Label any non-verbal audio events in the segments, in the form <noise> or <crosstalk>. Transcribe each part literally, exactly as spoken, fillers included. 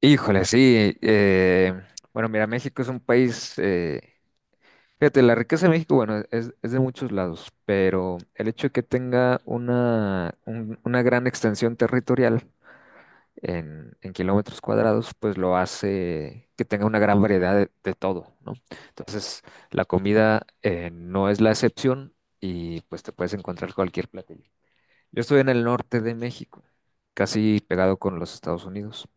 Híjole, sí. Eh, bueno, mira, México es un país, eh, fíjate, la riqueza de México, bueno, es, es de muchos lados, pero el hecho de que tenga una, un- una gran extensión territorial en, en kilómetros cuadrados, pues lo hace que tenga una gran variedad de, de todo, ¿no? Entonces, la comida eh, no es la excepción y pues te puedes encontrar cualquier platillo. Yo estoy en el norte de México, casi pegado con los Estados Unidos.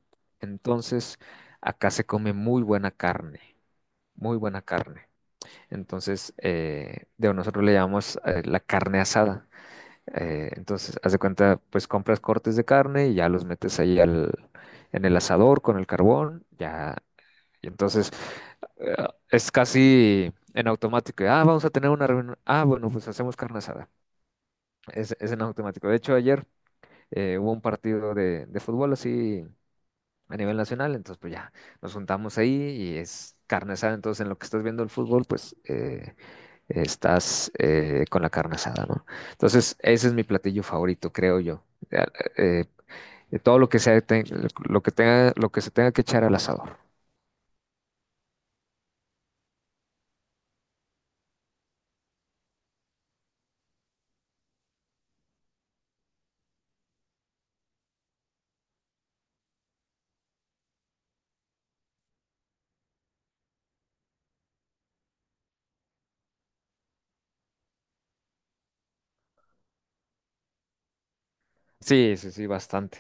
Entonces, acá se come muy buena carne, muy buena carne. Entonces, eh, de nosotros le llamamos eh, la carne asada. Eh, entonces, haz de cuenta, pues compras cortes de carne y ya los metes ahí al, en el asador con el carbón, ya. Y entonces, eh, es casi en automático. Ah, vamos a tener una reunión. Ah, bueno, pues hacemos carne asada. Es, es en automático. De hecho, ayer eh, hubo un partido de, de fútbol así a nivel nacional, entonces pues ya nos juntamos ahí y es carne asada, entonces en lo que estás viendo el fútbol, pues eh, estás eh, con la carne asada, ¿no? Entonces ese es mi platillo favorito, creo yo. Ya, eh, de todo lo que sea, te- lo que tenga, lo que se tenga que echar al asador. Sí, sí, sí, bastante.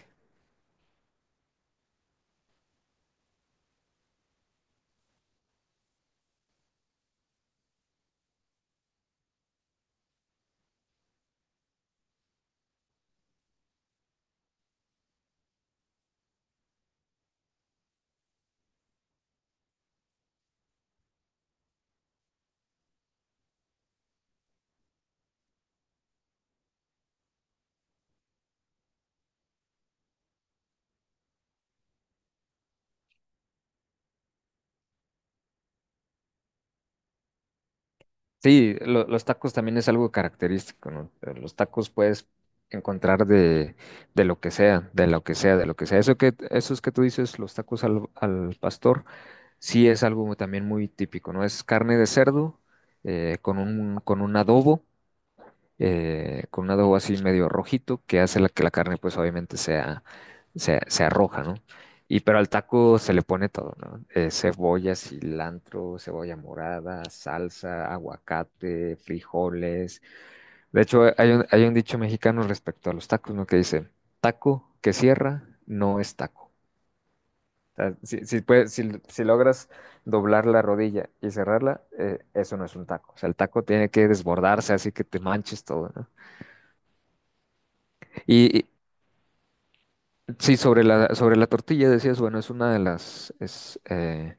Sí, lo- los tacos también es algo característico, ¿no? Eh, los tacos puedes encontrar de, de lo que sea, de lo que sea, de lo que sea. Eso que, esos que tú dices, los tacos al, al pastor, sí es algo también muy típico, ¿no? Es carne de cerdo eh, con un, con un adobo eh, con un adobo así medio rojito que hace la, que la carne pues obviamente sea, sea, sea roja, ¿no? Y pero al taco se le pone todo, ¿no? Eh, cebolla, cilantro, cebolla morada, salsa, aguacate, frijoles. De hecho, eh, hay un, hay un dicho mexicano respecto a los tacos, ¿no? Que dice, taco que cierra no es taco. O sea, si, si, puedes- si, si logras doblar la rodilla y cerrarla, eh, eso no es un taco. O sea, el taco tiene que desbordarse así que te manches todo, ¿no? Y, Sí, sobre la, sobre la tortilla decías, bueno, es una de las, es, eh,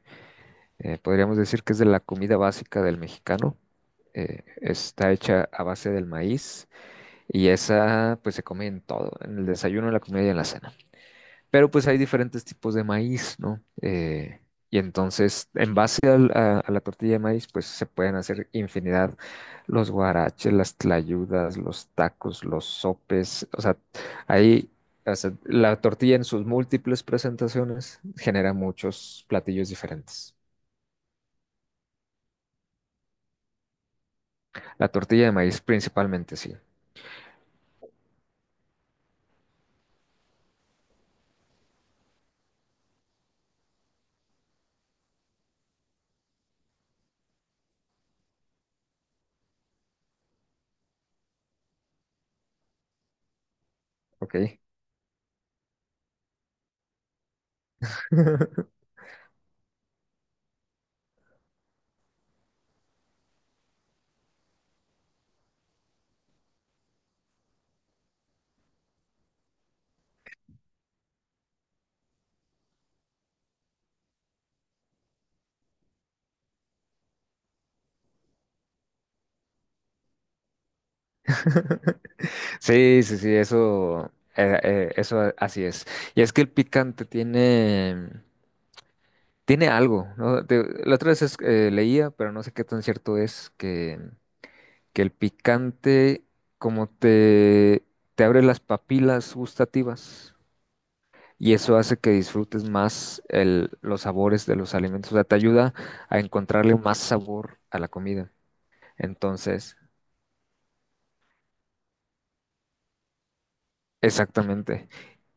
eh, podríamos decir que es de la comida básica del mexicano. Eh, está hecha a base del maíz y esa pues se come en todo, en el desayuno, en la comida y en la cena. Pero pues hay diferentes tipos de maíz, ¿no? Eh, y entonces, en base al- a, a la tortilla de maíz, pues se pueden hacer infinidad, los guaraches, las tlayudas, los tacos, los sopes, o sea, ahí, o sea, la tortilla en sus múltiples presentaciones genera muchos platillos diferentes. La tortilla de maíz principalmente, sí, ¿ok? <laughs> Sí, sí, sí, eso, eh, eh, eso así es. Y es que el picante tiene... Tiene algo, ¿no? Te- la otra vez es- eh, leía, pero no sé qué tan cierto es, que, que el picante como te, te abre las papilas gustativas y eso hace que disfrutes más el- los sabores de los alimentos, o sea, te ayuda a encontrarle más sabor a la comida. Entonces, exactamente.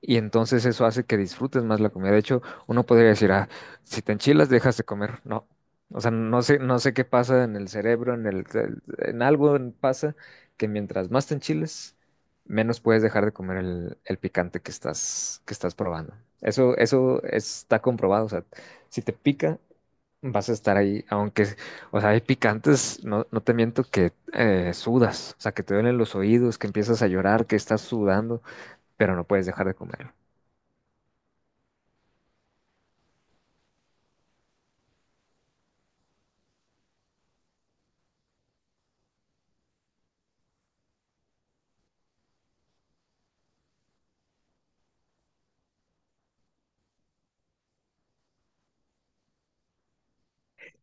Y entonces eso hace que disfrutes más la comida. De hecho, uno podría decir, ah, si te enchilas, dejas de comer. No. O sea, no sé, no sé qué pasa en el cerebro, en el, en algo pasa que mientras más te enchiles, menos puedes dejar de comer el, el picante que estás, que estás probando. Eso, eso está comprobado. O sea, si te pica, vas a estar ahí, aunque, o sea, hay picantes, no, no te miento que eh, sudas, o sea, que te duelen los oídos, que empiezas a llorar, que estás sudando pero no puedes dejar de comerlo.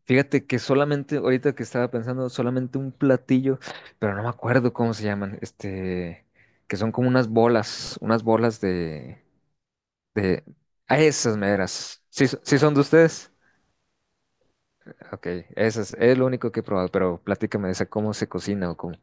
Fíjate que solamente, ahorita que estaba pensando, solamente un platillo, pero no me acuerdo cómo se llaman, este, que son como unas bolas, unas bolas de, de, a esas meras. ¿Sí, so- sí son de ustedes? Ok, esas, es lo único que he probado, pero platícame de esa, cómo se cocina o cómo,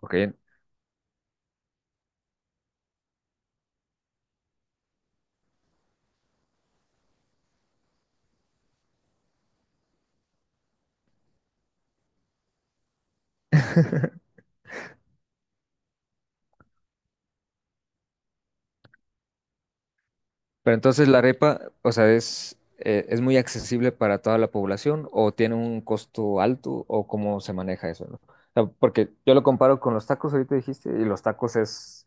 ok. <laughs> Pero entonces la arepa, o sea, es, eh, es muy accesible para toda la población o tiene un costo alto o cómo se maneja eso, ¿no? O sea, porque yo lo comparo con los tacos, ahorita dijiste, y los tacos es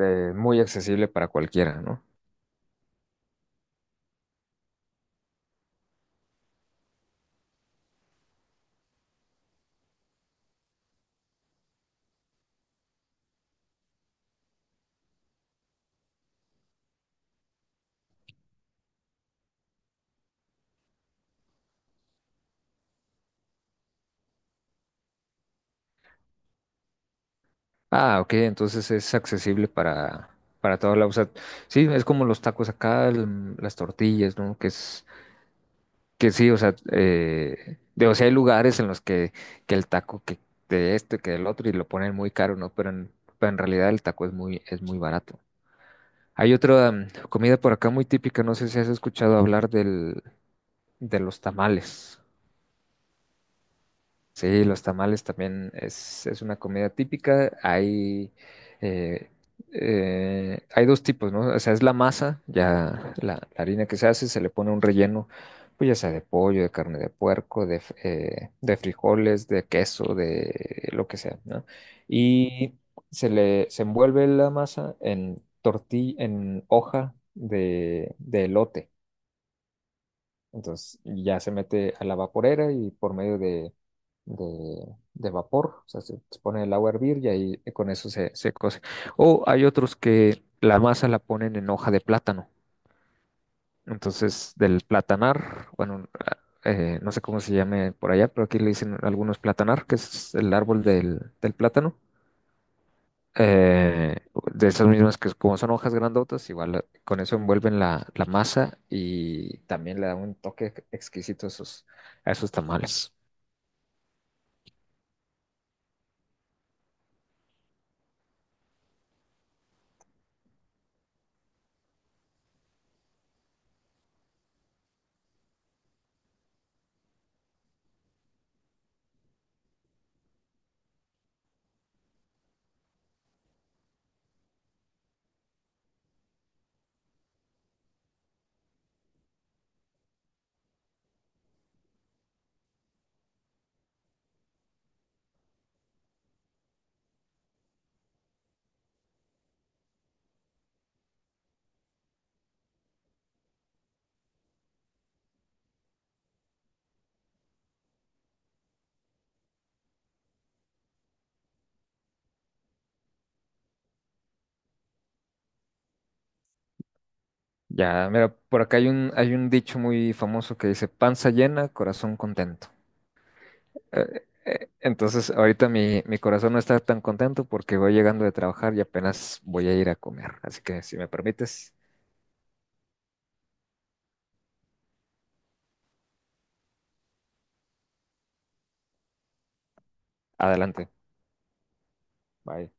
eh, muy accesible para cualquiera, ¿no? Ah, ok, entonces es accesible para, para toda la, o sea, sí, es como los tacos acá, el- las tortillas, ¿no? Que es que sí, o sea, eh, de- o sea, hay lugares en los que, que el taco que de esto, que del otro, y lo ponen muy caro, ¿no? Pero en, pero en realidad el taco es muy, es muy barato. Hay otra mm, comida por acá muy típica, no sé si has escuchado hablar del, de los tamales. Sí, los tamales también es, es una comida típica. Hay, eh, eh, hay dos tipos, ¿no? O sea, es la masa, ya la, la harina que se hace, se le pone un relleno, pues ya sea de pollo, de carne de puerco, de, f- eh, de frijoles, de queso, de lo que sea, ¿no? Y se le se envuelve la masa en tortilla, en hoja de, de elote. Entonces ya se mete a la vaporera y por medio de, de, de vapor, o sea, se, se pone el agua a hervir y ahí eh, con eso se, se cose. O hay otros que la masa la ponen en hoja de plátano. Entonces, del platanar, bueno, ah, eh, no sé cómo se llame por allá, pero aquí le dicen algunos platanar, que es el árbol del, del plátano eh, de esas mismas que como son hojas grandotas, igual con eso envuelven la, la masa y también le da un toque exquisito a esos, a esos tamales. Ya, mira, por acá hay un, hay un dicho muy famoso que dice, panza llena, corazón contento. Eh, eh, entonces, ahorita mi, mi corazón no está tan contento porque voy llegando de trabajar y apenas voy a ir a comer. Así que si me permites, adelante. Bye.